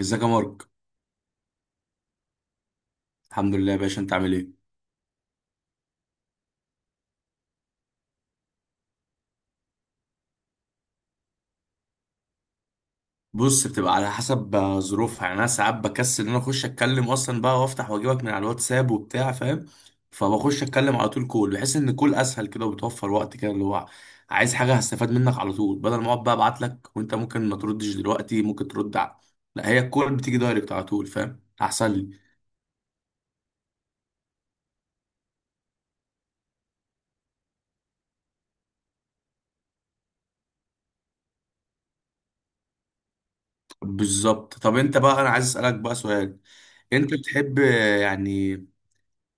ازيك يا مارك؟ الحمد لله يا باشا، انت عامل ايه؟ بص، بتبقى على حسب ظروفها يعني. انا ساعات بكسل ان انا اخش اتكلم اصلا بقى، وافتح واجيبك من على الواتساب وبتاع، فاهم؟ فبخش اتكلم على طول كول. بحس ان الكول اسهل كده، وبتوفر وقت كده، اللي هو عايز حاجه هستفاد منك على طول، بدل ما اقعد بقى ابعت لك وانت ممكن ما تردش دلوقتي، ممكن ترد على. لا، هي الكول بتيجي دايركت على طول، فاهم؟ احسن لي. بالظبط. طب انت بقى، انا عايز اسالك بقى سؤال. انت بتحب يعني،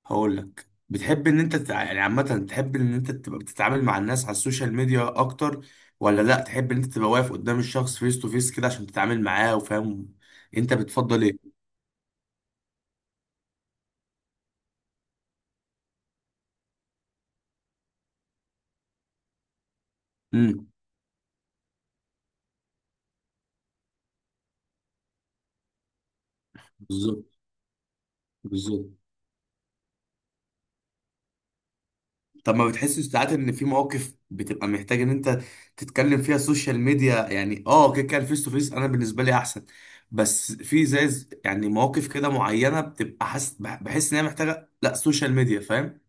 هقول لك، بتحب ان انت يعني عامة، تحب ان انت تبقى بتتعامل مع الناس على السوشيال ميديا اكتر، ولا لا تحب ان انت تبقى واقف قدام الشخص فيس تو فيس كده عشان تتعامل معاه، وفاهم؟ انت بتفضل ايه؟ امم. بالظبط، بالظبط. طب ما بتحسش ساعات ان في مواقف بتبقى محتاج ان انت تتكلم فيها السوشيال ميديا؟ يعني اه، كده كده الفيس تو فيس انا بالنسبة لي احسن، بس في يعني مواقف كده معينة، بتبقى حاسس بحس ان هي محتاجة لا سوشيال ميديا، فاهم؟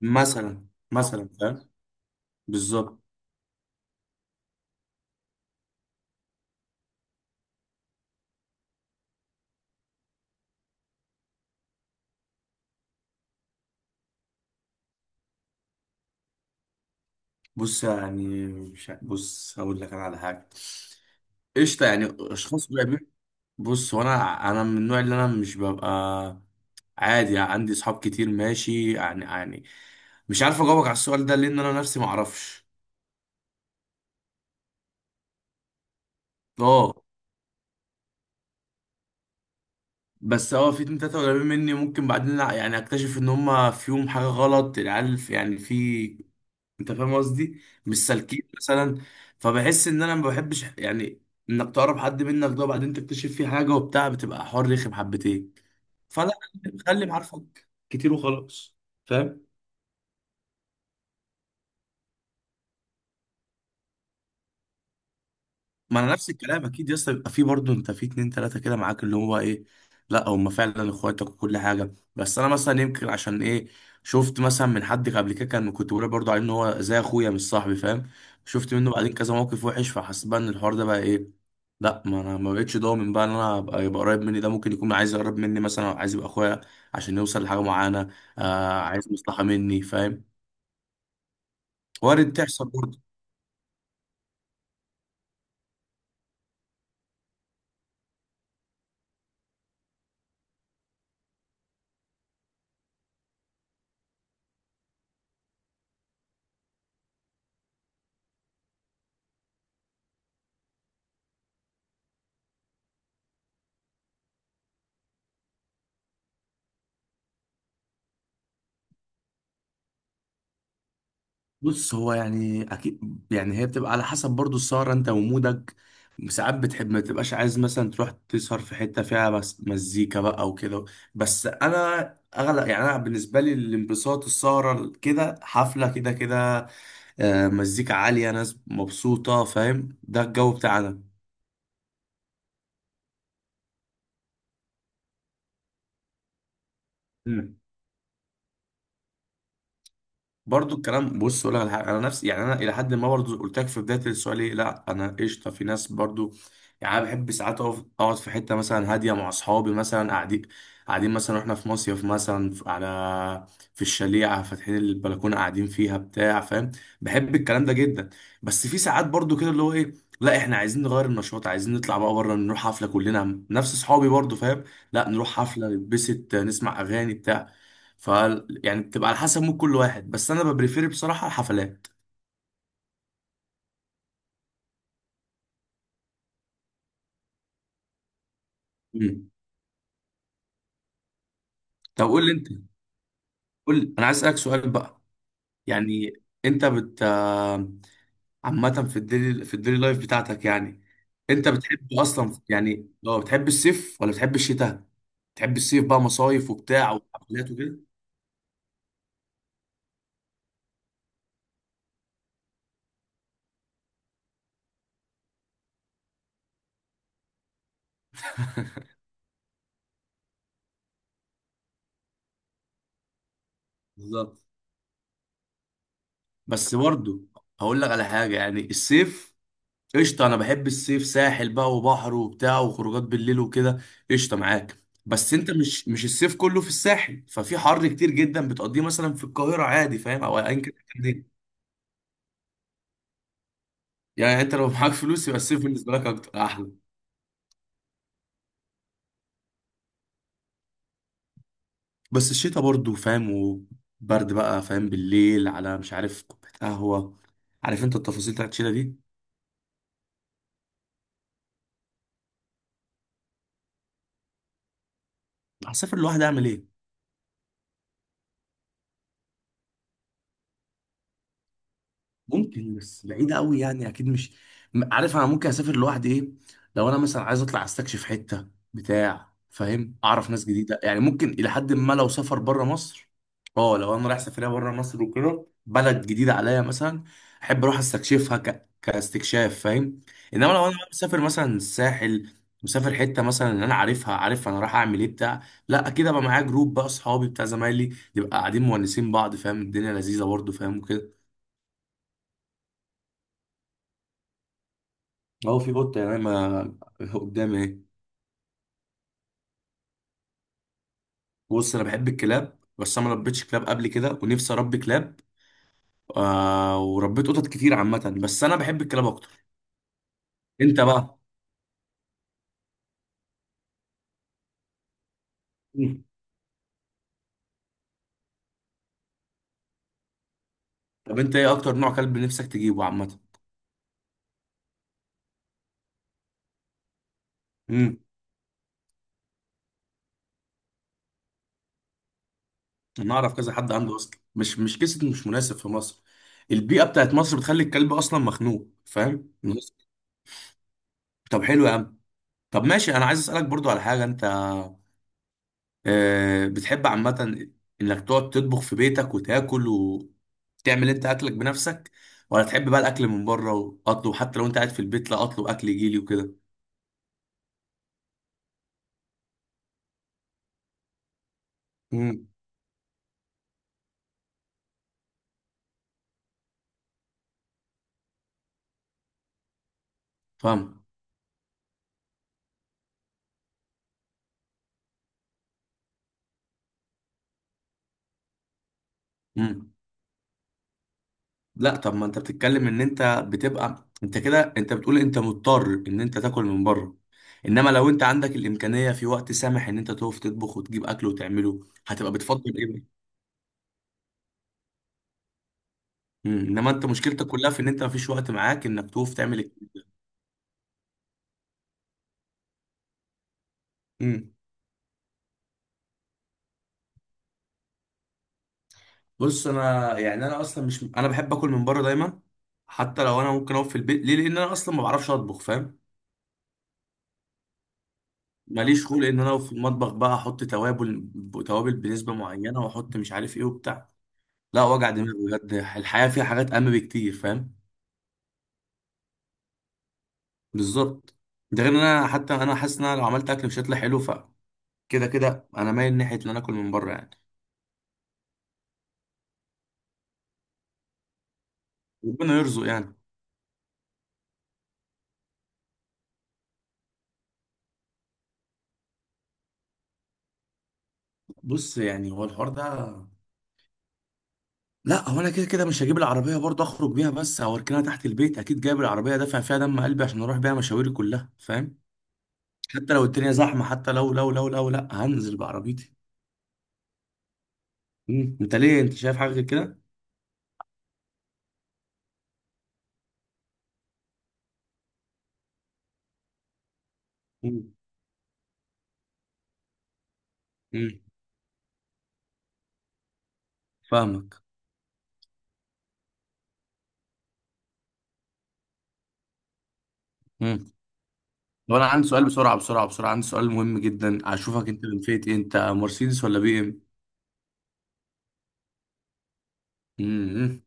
مثلا مثلا، فاهم. بالظبط. بص يعني مش ع- بص، هقول لك انا على حاجه. قشطه، يعني اشخاص قريبين. بص، هو انا من النوع اللي انا مش ببقى، عادي عندي اصحاب كتير، ماشي يعني مش عارف اجاوبك على السؤال ده، لان انا نفسي ما اعرفش. اه، بس اه في اتنين تلاتة قريبين مني، ممكن بعدين يعني اكتشف ان هما فيهم حاجة غلط. العيال يعني في، انت فاهم قصدي، مش سالكين مثلا. فبحس ان انا ما بحبش يعني انك تقرب حد منك ده، وبعدين تكتشف فيه حاجة وبتاع، بتبقى حوار رخم حبتين. فلا، خلي معارفك كتير وخلاص. فاهم؟ ما انا نفس الكلام. اكيد يا اسطى بيبقى فيه برضه انت في اتنين تلاته كده معاك، اللي هو ايه، لا هم فعلا اخواتك وكل حاجه. بس انا مثلا يمكن، عشان ايه؟ شفت مثلا من حد قبل كده، كان كنت بقول برضه عليه ان هو زي اخويا مش صاحبي، فاهم؟ شفت منه بعدين كذا موقف وحش، فحسيت بقى ان الحوار ده بقى ايه، لا، ما انا ما بقتش ضامن بقى ان انا ابقى، يبقى قريب مني ده ممكن يكون عايز يقرب مني مثلا، أو عايز يبقى اخويا عشان يوصل لحاجه معينه. آه، عايز مصلحه مني، فاهم؟ وارد تحصل برضه. بص، هو يعني اكيد، يعني هي بتبقى على حسب برضو السهره انت ومودك. ساعات بتحب ما تبقاش عايز مثلا تروح تسهر في حته فيها بس مزيكا بقى وكده، بس انا اغلب يعني، انا بالنسبه لي الانبساط السهره كده، حفله كده كده، مزيكا عاليه، ناس مبسوطه، فاهم؟ ده الجو بتاعنا. برضو الكلام، بص اقول لك على حاجه، انا نفسي يعني، انا الى حد ما برضو قلت لك في بدايه السؤال ايه، لا انا قشطه في ناس برضو. يعني انا بحب ساعات اقف اقعد في حته مثلا هاديه مع اصحابي، مثلا قاعدين مثلا، واحنا في مصيف مثلا على في الشليعه، فاتحين البلكونه، قاعدين فيها بتاع فاهم؟ بحب الكلام ده جدا. بس في ساعات برضو كده، اللي هو ايه، لا احنا عايزين نغير النشاط، عايزين نطلع بقى بره، نروح حفله كلنا، نفس اصحابي برضو، فاهم؟ لا نروح حفله نتبسط نسمع اغاني بتاع ف يعني بتبقى على حسب مود كل واحد، بس انا ببريفير بصراحه الحفلات. مم. طب قول لي انت، قول لي، انا عايز اسالك سؤال بقى، يعني انت عامه في الديلي، في الديلي لايف بتاعتك يعني، انت بتحب اصلا يعني، لو بتحب الصيف ولا بتحب الشتاء؟ بتحب الصيف بقى، مصايف وبتاع وحفلات وكده؟ بالظبط. بس برضه هقول لك على حاجه، يعني الصيف قشطة، أنا بحب الصيف، ساحل بقى وبحر وبتاع وخروجات بالليل وكده، قشطة معاك. بس أنت مش الصيف كله في الساحل، ففي حر كتير جدا بتقضيه مثلا في القاهرة عادي، فاهم؟ أو أيا كان الدنيا. يعني أنت لو معاك فلوس يبقى الصيف بالنسبة لك أكتر أحلى. بس الشتاء برضه، فاهم؟ وبرد بقى، فاهم؟ بالليل على مش عارف كوباية قهوة. عارف أنت التفاصيل بتاعت الشتاء دي. هسافر لوحدي أعمل إيه؟ ممكن، بس بعيدة قوي يعني، اكيد مش عارف، انا ممكن اسافر لوحدي، ايه، لو انا مثلا عايز اطلع استكشف حتة بتاع فاهم؟ اعرف ناس جديدة يعني، ممكن الى حد ما لو سافر بره مصر. اه، لو انا رايح سفرية بره مصر وكده، بلد جديدة عليا مثلا، احب اروح استكشفها كاستكشاف، فاهم؟ انما لو انا مسافر مثلا الساحل، مسافر حتة مثلا ان انا عارفها، عارف انا رايح اعمل ايه بتاع لا اكيد ابقى معايا جروب بقى اصحابي بتاع زمايلي، نبقى قاعدين مونسين بعض، فاهم؟ الدنيا لذيذة برضه، فاهم؟ وكده. اهو في قطه يعني ما قدامي اهي. بص، انا بحب الكلاب، بس انا ما ربيتش كلاب قبل كده، ونفسي اربي كلاب آه. وربيت قطط كتير عامه، بس انا بحب الكلاب اكتر. انت بقى؟ مم. طب انت ايه اكتر نوع كلب نفسك تجيبه عامه؟ امم. انا اعرف كذا حد عنده اصلا، مش قصه مش مناسب في مصر، البيئه بتاعت مصر بتخلي الكلب اصلا مخنوق، فاهم؟ طب حلو يا عم. طب ماشي، انا عايز اسالك برضو على حاجه، انت بتحب عامة إنك تقعد تطبخ في بيتك وتاكل وتعمل أنت أكلك بنفسك، ولا تحب بقى الأكل من بره وأطلب حتى لو أنت قاعد في البيت، لا، أطلب أكل يجيلي وكده؟ امم. فاهم. امم. لا طب ما أنت بتتكلم إن أنت بتبقى أنت كده، أنت بتقول أنت مضطر إن أنت تاكل من بره، إنما لو أنت عندك الإمكانية في وقت سامح إن أنت تقف تطبخ وتجيب أكل وتعمله، هتبقى بتفضل إيه بقى؟ مم. إنما أنت مشكلتك كلها في إن أنت مفيش وقت معاك إنك تقف تعمل. امم. بص، انا يعني انا اصلا مش، انا بحب اكل من بره دايما، حتى لو انا ممكن اقف في البيت، ليه؟ لان انا اصلا ما بعرفش اطبخ، فاهم؟ ماليش خلق ان انا أقف في المطبخ بقى، احط توابل توابل بنسبه معينه، واحط مش عارف ايه وبتاع، لا، وجع دماغ بجد، الحياه فيها حاجات اهم بكتير، فاهم؟ بالظبط. ده غير ان انا حتى انا حاسس ان انا لو عملت اكل مش هيطلع حلو، فكده كده انا مايل ناحيه ان انا اكل من بره يعني. ربنا يرزق يعني. بص، يعني هو الحوار ده، لا هو انا كده كده مش هجيب العربيه برضه اخرج بيها بس، او اركنها تحت البيت. اكيد جايب العربيه دافع فيها دم قلبي عشان اروح بيها مشاويري كلها، فاهم؟ حتى لو الدنيا زحمه، حتى لو لو لو لو لا، هنزل بعربيتي. مم. انت ليه، انت شايف حاجه غير كده؟ مم. مم. فاهمك. مم. طب انا عندي سؤال، بسرعه بسرعه بسرعه، عندي سؤال مهم جدا، اشوفك انت من فئه ايه، انت مرسيدس ولا بي ام؟ مم.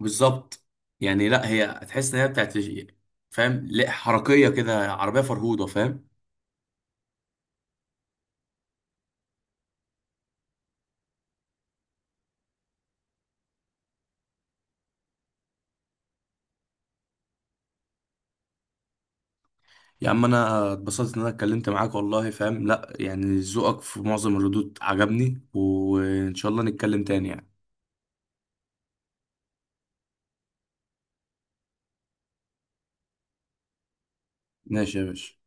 بالظبط. يعني لا، هي تحس ان هي بتاعت، فاهم؟ لا، حركيه كده، عربيه فرهوده، فاهم؟ يا عم انا اتبسطت ان انا اتكلمت معاك والله، فاهم؟ لا يعني ذوقك في معظم الردود عجبني، وان شاء الله نتكلم تاني يعني. ماشي يا باشا.